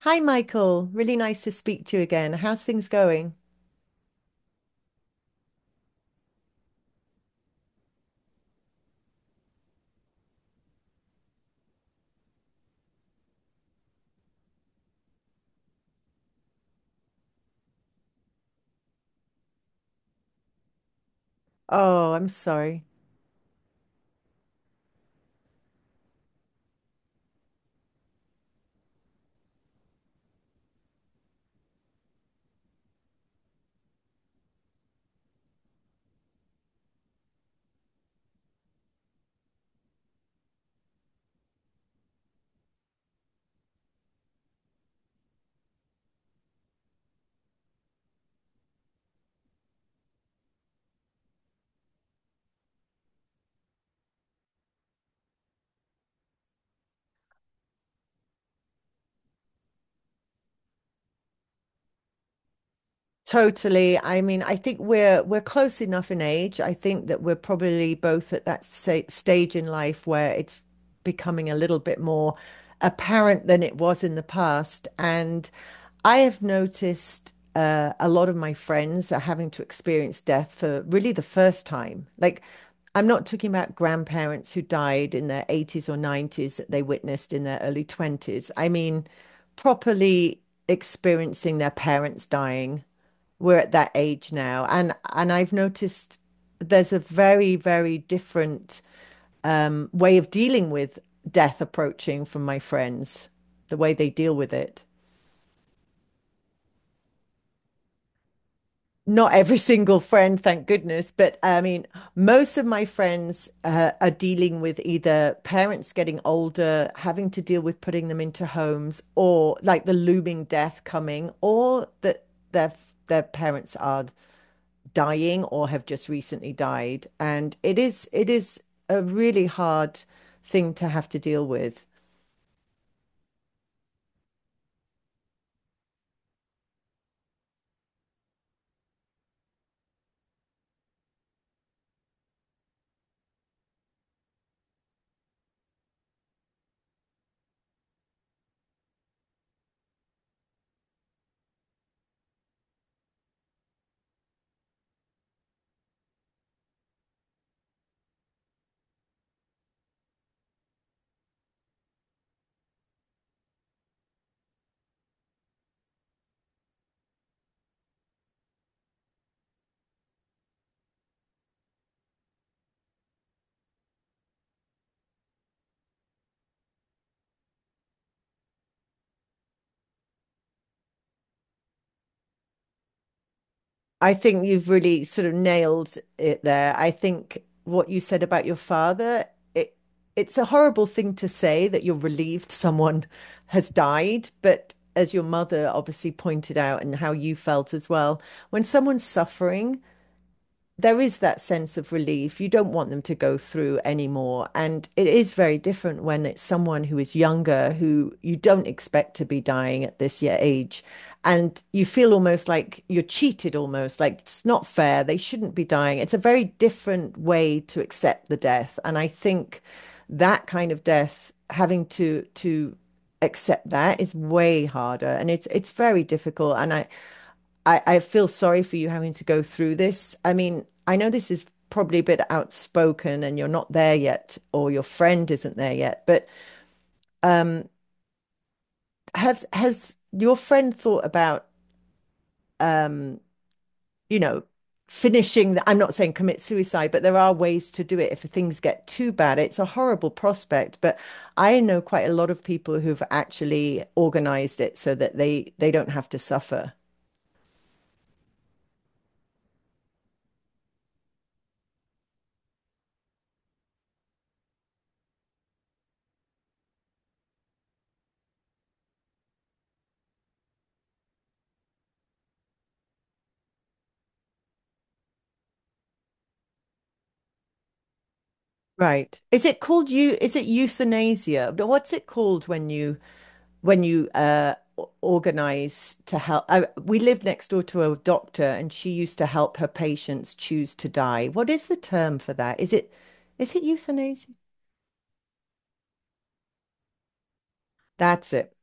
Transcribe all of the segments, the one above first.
Hi, Michael. Really nice to speak to you again. How's things going? Oh, I'm sorry. Totally. I mean, I think we're close enough in age. I think that we're probably both at that sa stage in life where it's becoming a little bit more apparent than it was in the past. And I have noticed a lot of my friends are having to experience death for really the first time. Like, I'm not talking about grandparents who died in their 80s or 90s that they witnessed in their early 20s. I mean, properly experiencing their parents dying. We're at that age now, and I've noticed there's a very, very different way of dealing with death approaching from my friends, the way they deal with it. Not every single friend, thank goodness, but I mean most of my friends are dealing with either parents getting older, having to deal with putting them into homes, or like the looming death coming, or that their parents are dying or have just recently died. And it is a really hard thing to have to deal with. I think you've really sort of nailed it there. I think what you said about your father, it it's a horrible thing to say that you're relieved someone has died, but as your mother obviously pointed out and how you felt as well, when someone's suffering, there is that sense of relief. You don't want them to go through anymore. And it is very different when it's someone who is younger, who you don't expect to be dying at this year age. And you feel almost like you're cheated, almost like it's not fair. They shouldn't be dying. It's a very different way to accept the death. And I think that kind of death, having accept that is way harder, and it's very difficult, and I feel sorry for you having to go through this. I mean, I know this is probably a bit outspoken and you're not there yet, or your friend isn't there yet, but um, has your friend thought about um, you know, finishing the— I'm not saying commit suicide, but there are ways to do it if things get too bad. It's a horrible prospect, but I know quite a lot of people who've actually organized it so that they don't have to suffer. Right. Is it called you? Is it euthanasia? But what's it called when you organize to help? We live next door to a doctor, and she used to help her patients choose to die. What is the term for that? Is it euthanasia? That's it.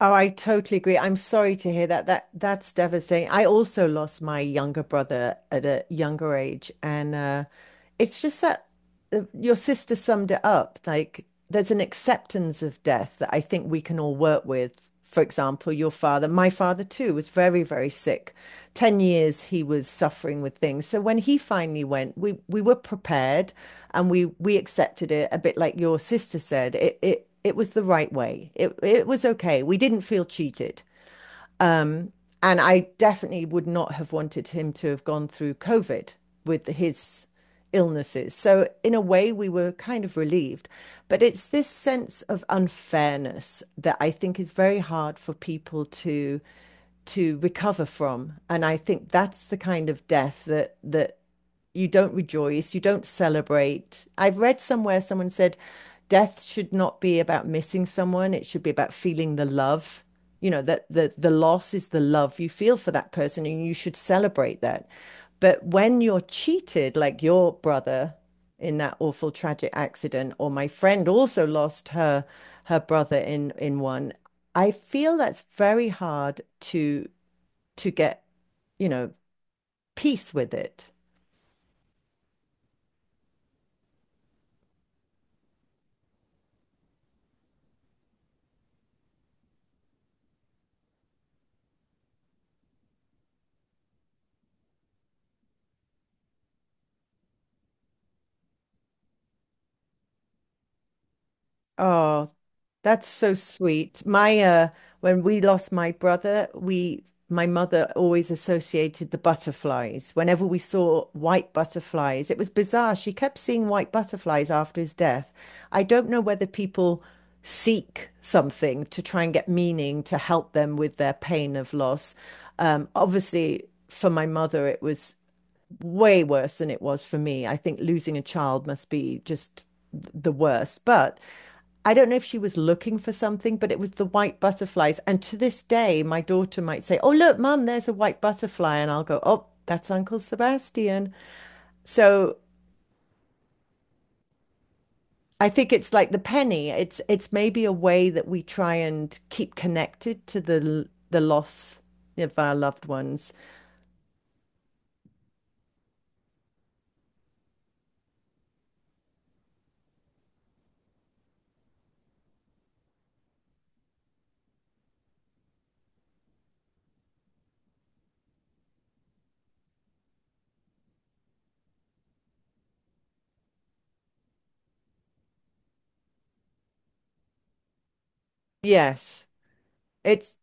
Oh, I totally agree. I'm sorry to hear that. That's devastating. I also lost my younger brother at a younger age, and it's just that your sister summed it up. Like, there's an acceptance of death that I think we can all work with. For example, your father, my father too, was very, very sick. 10 years he was suffering with things. So when he finally went, we were prepared, and we accepted it a bit like your sister said. It was the right way. It was okay. We didn't feel cheated. Um and I definitely would not have wanted him to have gone through COVID with his illnesses. So in a way we were kind of relieved. But it's this sense of unfairness that I think is very hard for people to recover from. And I think that's the kind of death that you don't rejoice, you don't celebrate. I've read somewhere someone said death should not be about missing someone, it should be about feeling the love. You know, that the loss is the love you feel for that person and you should celebrate that. But when you're cheated, like your brother in that awful tragic accident, or my friend also lost her brother in one, I feel that's very hard to to get, you know, peace with it. Oh, that's so sweet. My When we lost my brother, we my mother always associated the butterflies. Whenever we saw white butterflies, it was bizarre. She kept seeing white butterflies after his death. I don't know whether people seek something to try and get meaning to help them with their pain of loss. Obviously, for my mother, it was way worse than it was for me. I think losing a child must be just the worst. But I don't know if she was looking for something, but it was the white butterflies. And to this day, my daughter might say, "Oh, look, Mum, there's a white butterfly." And I'll go, "Oh, that's Uncle Sebastian." So I think it's like the penny. It's maybe a way that we try and keep connected to the loss of our loved ones. Yes. It's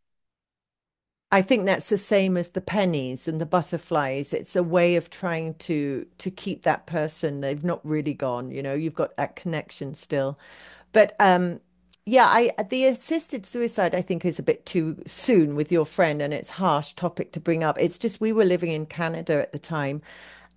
I think that's the same as the pennies and the butterflies. It's a way of trying to keep that person. They've not really gone, you know, you've got that connection still. But yeah, I the assisted suicide I think is a bit too soon with your friend, and it's a harsh topic to bring up. It's just we were living in Canada at the time,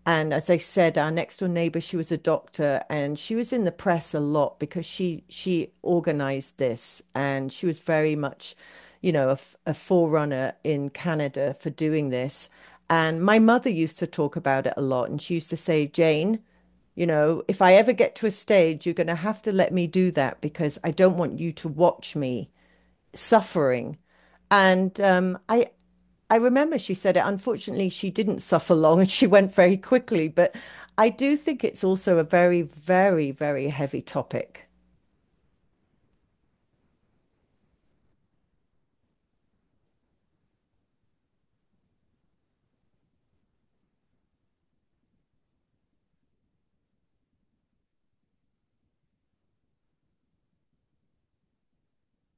and as I said, our next door neighbor, she was a doctor, and she was in the press a lot because she organized this, and she was very much, a forerunner in Canada for doing this. And my mother used to talk about it a lot, and she used to say, "Jane, if I ever get to a stage, you're going to have to let me do that because I don't want you to watch me suffering." And I remember she said it. Unfortunately, she didn't suffer long, and she went very quickly. But I do think it's also a very, very, very heavy topic.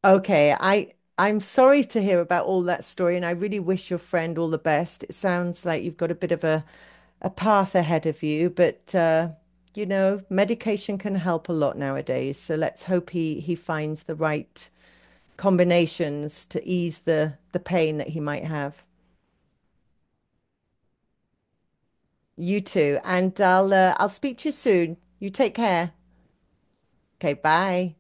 Okay, I'm sorry to hear about all that story, and I really wish your friend all the best. It sounds like you've got a bit of a path ahead of you, but medication can help a lot nowadays. So let's hope he finds the right combinations to ease the pain that he might have. You too, and I'll I'll speak to you soon. You take care. Okay, bye.